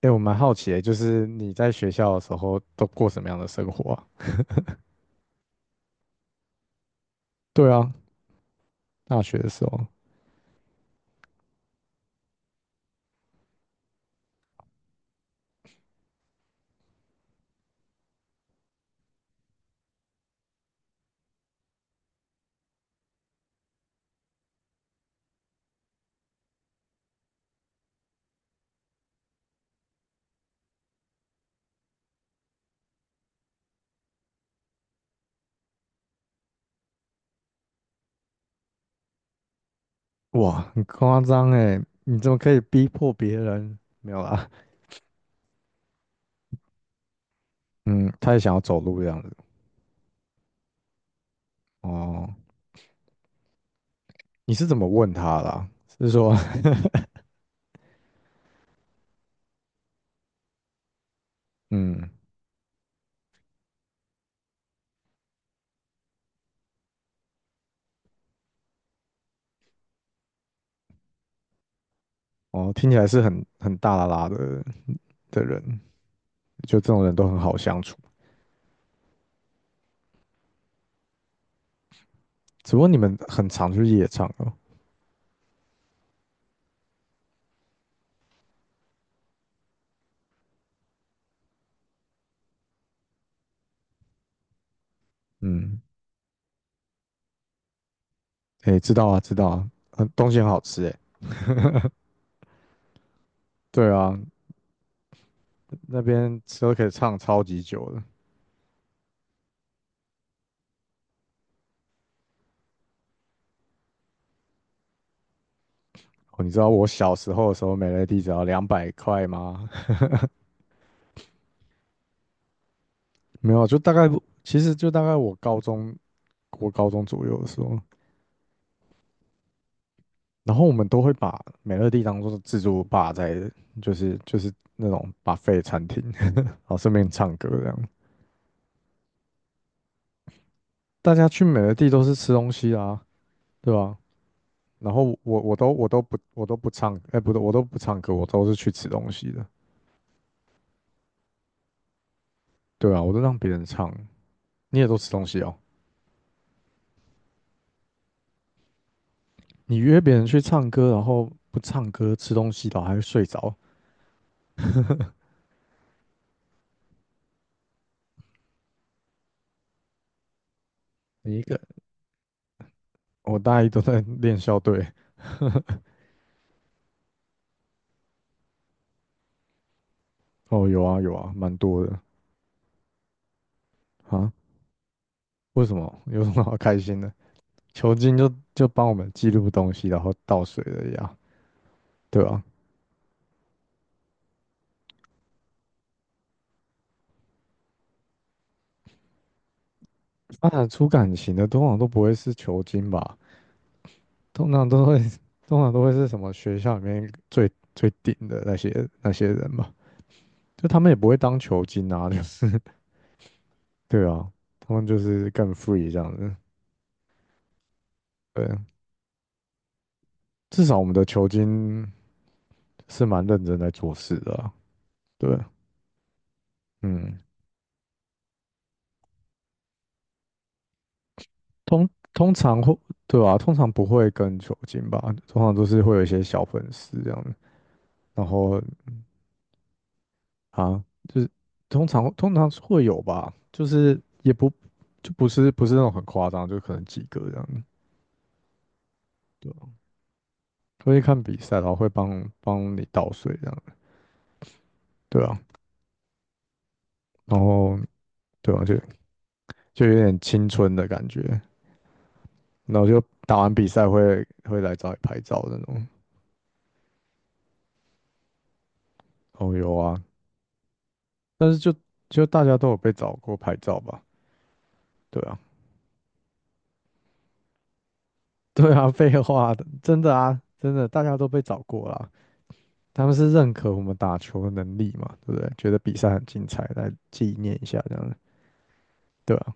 哎，我蛮好奇的，就是你在学校的时候都过什么样的生活啊？对啊，大学的时候，哇，很夸张哎，你怎么可以逼迫别人？没有啦，嗯，他也想要走路这样子。哦，你是怎么问他啦？是说，嗯，哦，听起来是很大啦啦的人，就这种人都很好相处。只不过你们很常去夜场哦。嗯，哎，知道啊，知道啊，很东西很好吃哎。对啊，那边吃都可以唱超级久的。哦，你知道我小时候的时候，美乐蒂只要200块吗？没有啊，就大概，其实就大概我高中左右的时候，然后我们都会把美乐蒂当做自助吧在，就是那种 buffet 餐厅，然后顺便唱歌这样。大家去美乐蒂都是吃东西啊，对吧？然后我都不唱，哎、不对，我都不唱歌，我都是去吃东西的。对啊，我都让别人唱，你也都吃东西哦。你约别人去唱歌，然后不唱歌吃东西，然后还会睡着，你一个，我大一都在练校队。哦，有啊有啊，蛮多的啊。为什么？有什么好开心的？球经就帮我们记录东西，然后倒水的呀，对啊。发展出感情的通常都不会是球经吧？通常都会，通常都会是什么学校里面最顶的那些人吧？就他们也不会当球经啊，就是 对啊，他们就是更 free 这样子。对，至少我们的球经是蛮认真在做事的啊对，嗯。通常会，对吧、通常不会跟酒精吧，通常都是会有一些小粉丝这样，然后啊，就是通常是会有吧，就是也不就不是那种很夸张，就可能几个这样，对啊，会看比赛，然后会帮帮你倒水这样，对啊，然后对啊，就有点青春的感觉，然后就打完比赛会来找你拍照那种，哦有啊，但是就大家都有被找过拍照吧。对啊。对啊，废话的，真的啊，真的，大家都被找过啦。他们是认可我们打球的能力嘛，对不对？觉得比赛很精彩，来纪念一下这样的。对啊，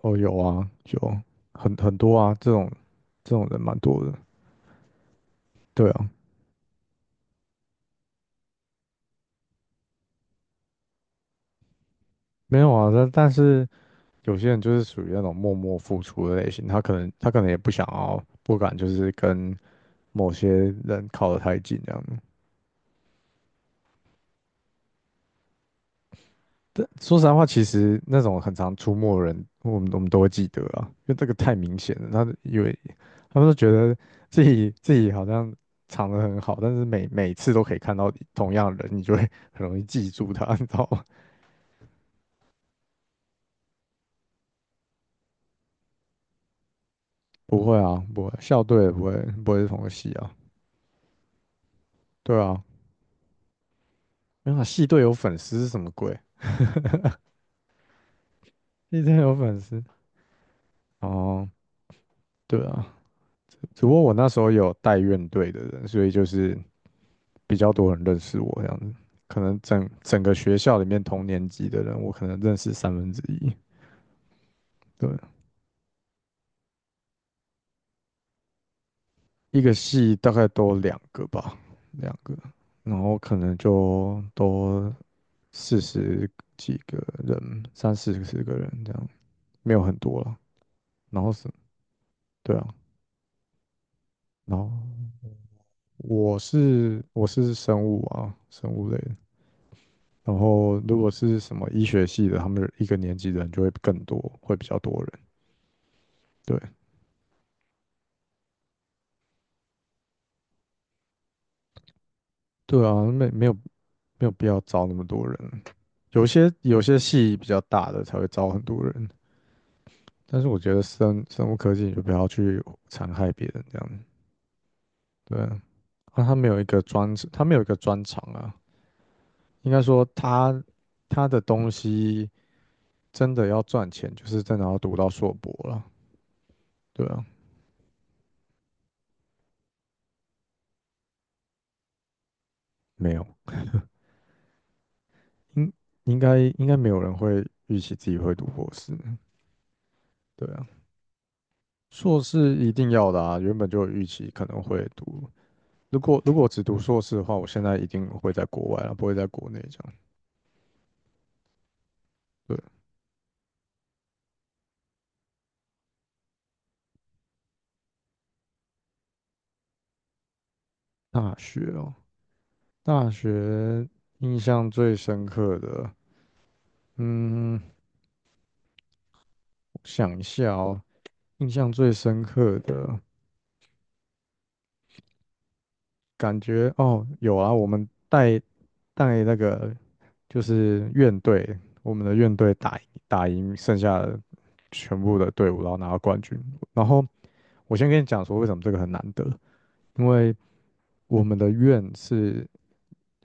哦，有啊，有很多啊，这种人蛮多的。对啊，没有啊，但是有些人就是属于那种默默付出的类型，他可能也不想要，不敢就是跟某些人靠得太近这样。但说实在话，其实那种很常出没的人，我们都会记得啊，因为这个太明显了。他因以为他们都觉得自己好像藏得很好，但是每次都可以看到同样的人，你就会很容易记住他，你知道吗？不会啊，不会，校队也不会是同个系啊，对啊，没有啊，系队有粉丝是什么鬼？系队有粉丝哦，对啊，只不过我那时候有带院队的人，所以就是。比较多人认识我这样子，可能整个学校里面同年级的人，我可能认识1/3。对，一个系大概多两个吧，两个，然后可能就多40几个人，三四十个人这样，没有很多了。然后是，对啊，然后我是生物啊，生物类的。然后如果是什么医学系的，他们一个年级的人就会更多，会比较多人。对，对啊，没有必要招那么多人。有些系比较大的才会招很多人，但是我觉得生物科技你就不要去残害别人这样子。对啊，啊他没有一个专长啊。应该说他的东西真的要赚钱，就是真的要读到硕博了。对啊，没有，应应该没有人会预期自己会读博士。对啊，硕士一定要的啊，原本就有预期可能会读。如果我只读硕士的话，我现在一定会在国外了，不会在国内这样。对，大学哦，大学印象最深刻的，嗯，我想一下哦，印象最深刻的感觉哦，有啊，我们带那个就是院队，我们的院队打赢剩下的全部的队伍，然后拿到冠军。然后我先跟你讲说为什么这个很难得，因为我们的院是，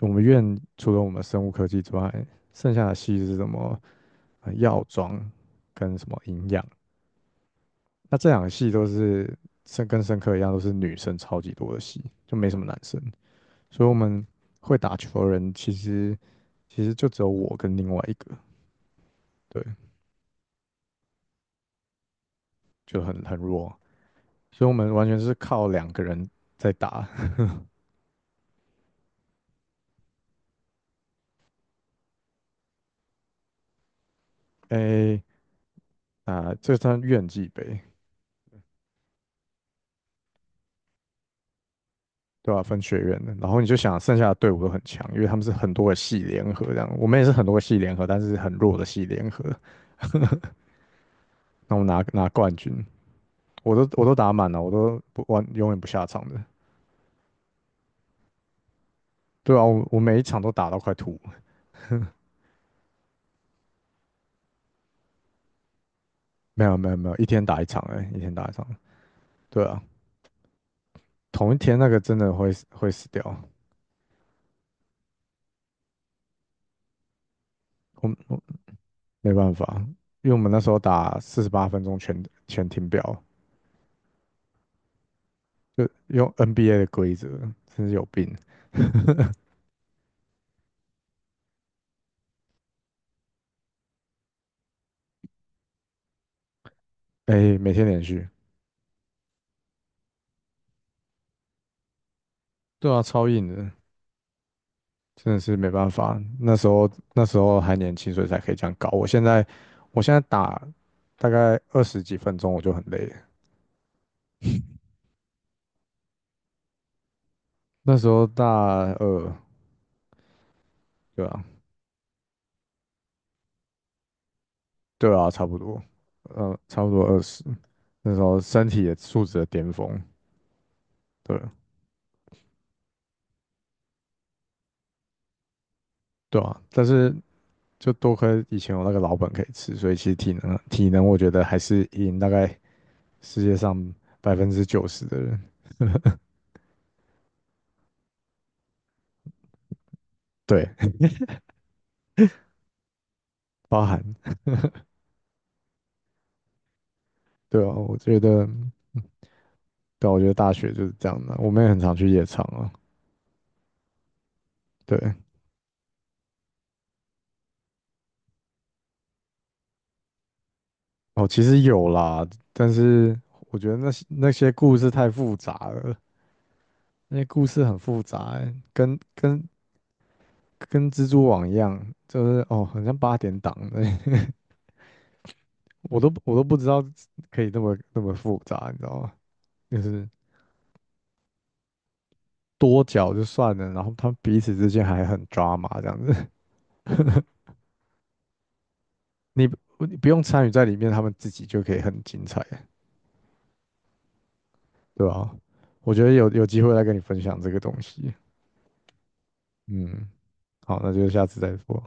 我们院除了我们生物科技之外，剩下的系是什么？药妆跟什么营养？那这两个系都是生跟生科一样，都是女生超级多的系，就没什么男生。所以我们会打球的人，其实就只有我跟另外一个，对，就很弱。所以我们完全是靠两个人在打。诶、啊、这算院际杯，对吧、分学院的，然后你就想剩下的队伍都很强，因为他们是很多个系联合这样，我们也是很多个系联合，但是很弱的系联合，那我们拿冠军，我都打满了，我都不完永远不下场的，对啊，我每一场都打到快吐，没有没有没有，一天打一场，对啊，同一天那个真的会死掉，我没办法，因为我们那时候打48分钟全停表，就用 NBA 的规则，真是有病，哎、每天连续。对啊，超硬的，真的是没办法。那时候还年轻，所以才可以这样搞。我现在打大概20几分钟我就很累了。那时候大二，对啊，对啊，差不多，差不多二十。那时候身体也素质的巅峰，对对啊。但是就多亏以前有那个老本可以吃，所以其实体能我觉得还是赢大概世界上90%的人，对，包含对啊，我觉得。对啊我觉得大学就是这样的啊，我们也很常去夜场啊。对，哦，其实有啦，但是我觉得那些故事太复杂了，那些故事很复杂欸，跟蜘蛛网一样，就是哦，很像八点档的，我都不知道可以那么复杂，你知道吗？就是多角就算了，然后他们彼此之间还很抓马这样子，你不你不用参与在里面，他们自己就可以很精彩。对吧？我觉得有机会来跟你分享这个东西。嗯，好，那就下次再说。